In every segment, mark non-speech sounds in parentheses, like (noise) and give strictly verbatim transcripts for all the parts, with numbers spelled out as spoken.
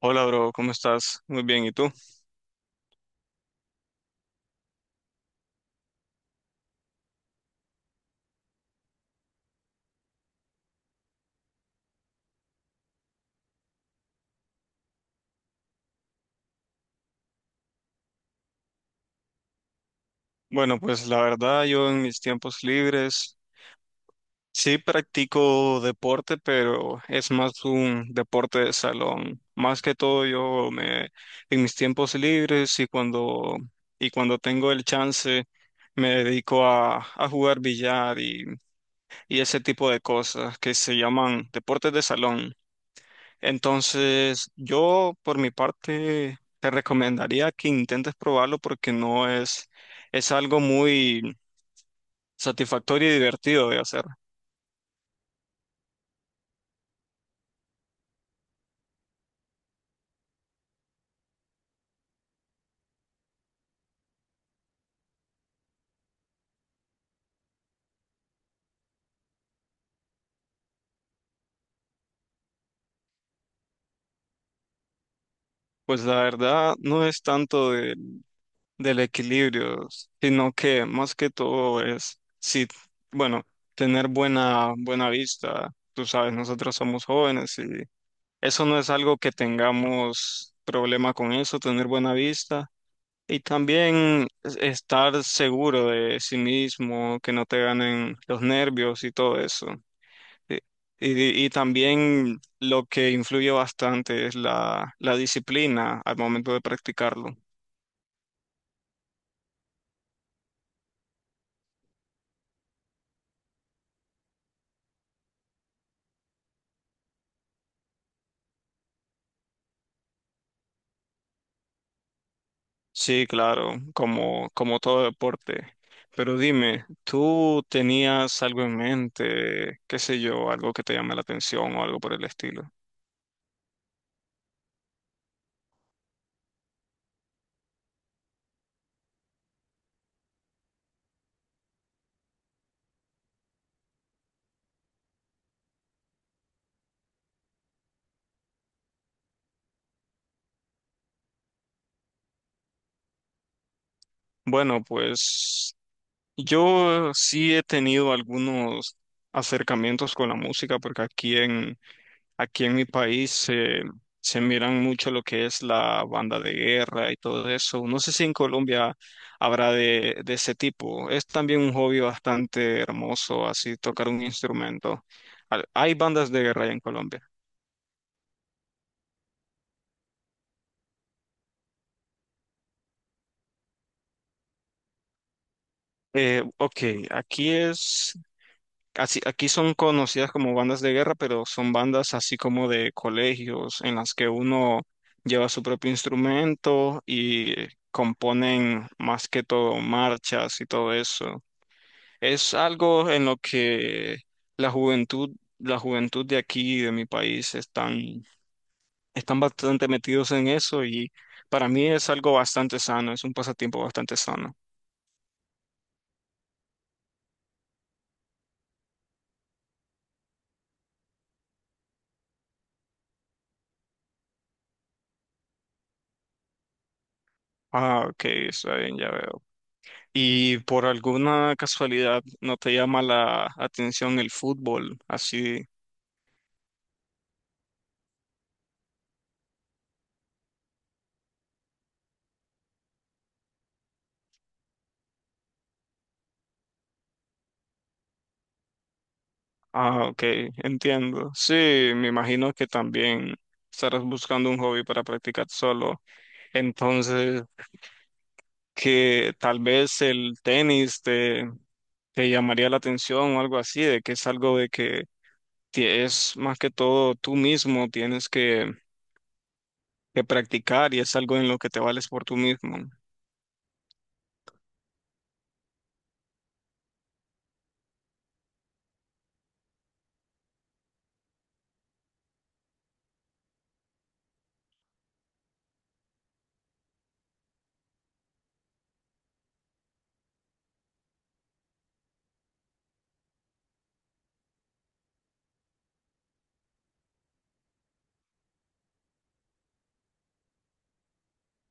Hola, bro, ¿cómo estás? Muy bien, ¿y tú? Bueno, pues la verdad, yo en mis tiempos libres sí practico deporte, pero es más un deporte de salón. Más que todo, yo me en mis tiempos libres y cuando y cuando tengo el chance me dedico a, a jugar billar y, y ese tipo de cosas que se llaman deportes de salón. Entonces, yo por mi parte te recomendaría que intentes probarlo porque no es, es algo muy satisfactorio y divertido de hacer. Pues la verdad no es tanto de- del equilibrio, sino que más que todo es, sí, bueno, tener buena, buena vista. Tú sabes, nosotros somos jóvenes y eso no es algo que tengamos problema con eso, tener buena vista. Y también es- estar seguro de sí mismo, que no te ganen los nervios y todo eso. Y, y- y también lo que influye bastante es la, la disciplina al momento de practicarlo. Sí, claro, como, como todo deporte. Pero dime, ¿tú tenías algo en mente, qué sé yo, algo que te llame la atención o algo por el estilo? Bueno, pues yo sí he tenido algunos acercamientos con la música porque aquí en, aquí en mi país se, se miran mucho lo que es la banda de guerra y todo eso. No sé si en Colombia habrá de, de ese tipo. Es también un hobby bastante hermoso, así tocar un instrumento. Al- Hay bandas de guerra allá en Colombia. Eh, ok, aquí es así, aquí son conocidas como bandas de guerra, pero son bandas así como de colegios en las que uno lleva su propio instrumento y componen más que todo marchas y todo eso. Es algo en lo que la juventud, la juventud de aquí, de mi país, están, están bastante metidos en eso y para mí es algo bastante sano, es un pasatiempo bastante sano. Ah, ok, está bien, ya veo. ¿Y por alguna casualidad no te llama la atención el fútbol, así? Ah, ok, entiendo. Sí, me imagino que también estarás buscando un hobby para practicar solo. Entonces, que tal vez el tenis te, te llamaría la atención o algo así, de que es algo de que ti- es más que todo tú mismo, tienes que que practicar y es algo en lo que te vales por tú mismo.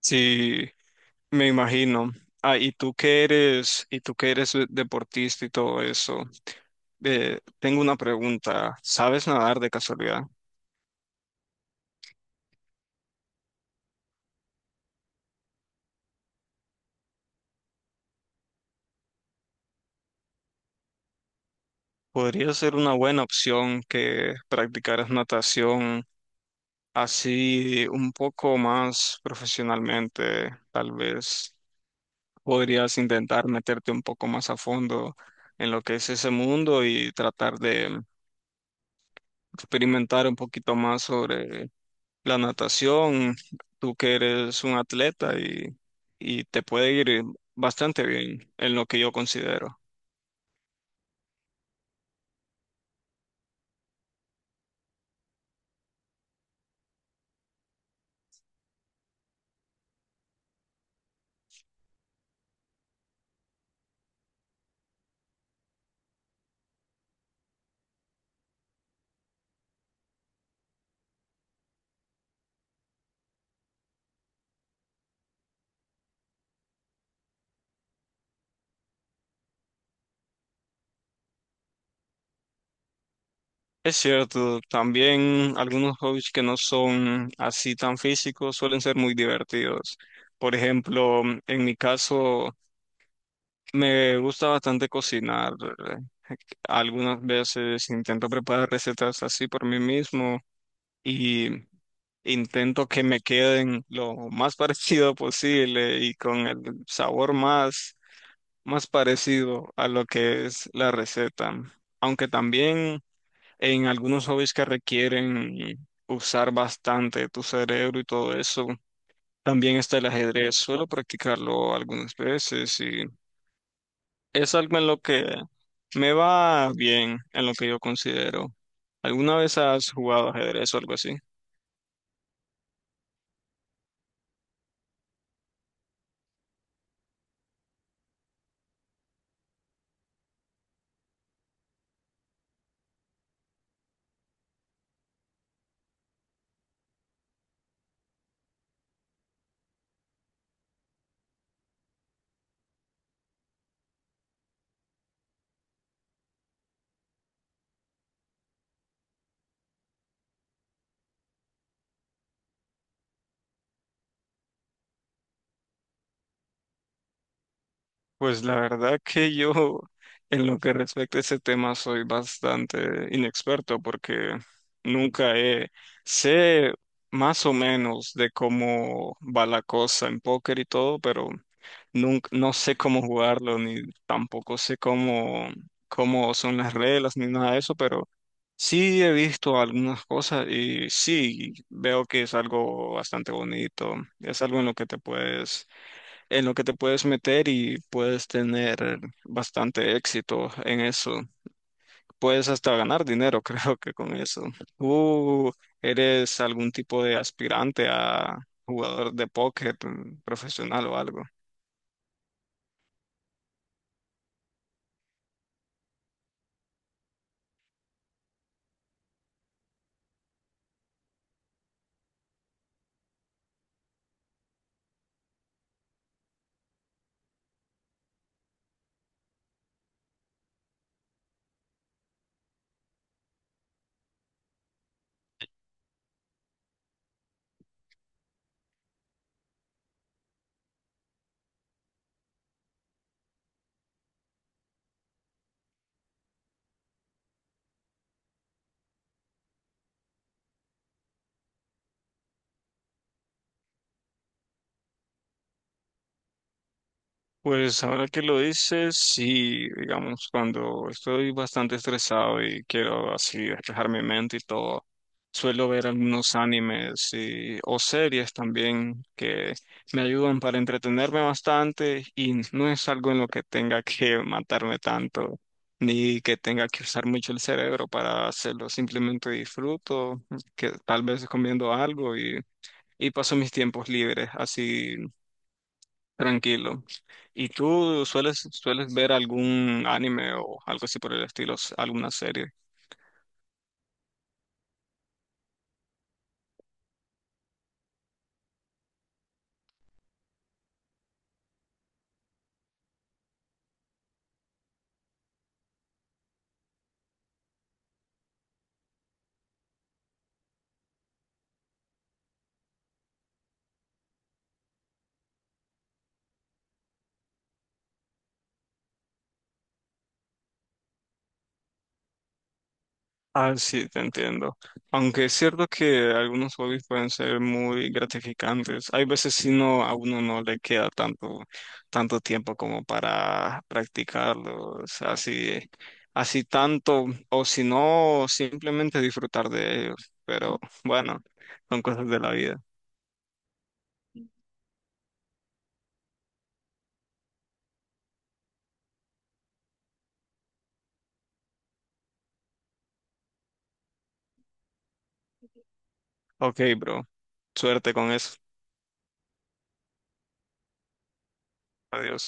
Sí, me imagino. Ah, y tú que eres, y tú que eres deportista y todo eso, eh, tengo una pregunta. ¿Sabes nadar de casualidad? Podría ser una buena opción que practicaras natación así un poco más profesionalmente, tal vez podrías intentar meterte un poco más a fondo en lo que es ese mundo y tratar de experimentar un poquito más sobre la natación. Tú que eres un atleta y, y te puede ir bastante bien en lo que yo considero. Es cierto, también algunos hobbies que no son así tan físicos suelen ser muy divertidos. Por ejemplo, en mi caso, me gusta bastante cocinar. eh, Algunas veces intento preparar recetas así por mí mismo y intento que me queden lo más (laughs) parecido posible y con el sabor más, más parecido a lo que es la receta. Aunque también en algunos hobbies que requieren usar bastante tu cerebro y todo eso, también está el ajedrez. Suelo practicarlo algunas veces, es algo en lo que me va bien, en lo que yo considero. ¿Alguna vez has jugado ajedrez o algo así? Pues la verdad que yo en lo que respecta a ese tema soy bastante inexperto porque nunca he, sé más o menos de cómo va la cosa en póker y todo, pero nunca, no sé cómo jugarlo ni tampoco sé cómo, cómo son las reglas ni nada de eso, pero sí he visto algunas cosas y sí veo que es algo bastante bonito, es algo en lo que te puedes en lo que te puedes meter y puedes tener bastante éxito en eso. Puedes hasta ganar dinero, (laughs) creo que con eso. ¿Tú eres algún tipo de aspirante a jugador de póker mm, profesional o algo? Pues ahora que lo dices, sí, digamos, cuando estoy bastante estresado y quiero así despejar mi mente y todo, suelo ver algunos animes y, o series también que me ayudan para entretenerme bastante y no es algo en lo que tenga (laughs) que matarme tanto, ni que tenga que usar mucho el cerebro para hacerlo, simplemente disfruto, que tal vez comiendo algo y, y paso mis tiempos libres así tranquilo. ¿Y tú sueles sueles ver algún anime o algo así por el estilo, s- alguna serie? Ah, sí, te entiendo. Aunque es cierto que algunos hobbies pueden ser muy gratificantes, hay veces si no a uno no le queda tanto tanto tiempo como para practicarlos, así así tanto o si no simplemente disfrutar de ellos, pero bueno, son cosas de la vida. Ok, bro. Suerte con eso. Adiós.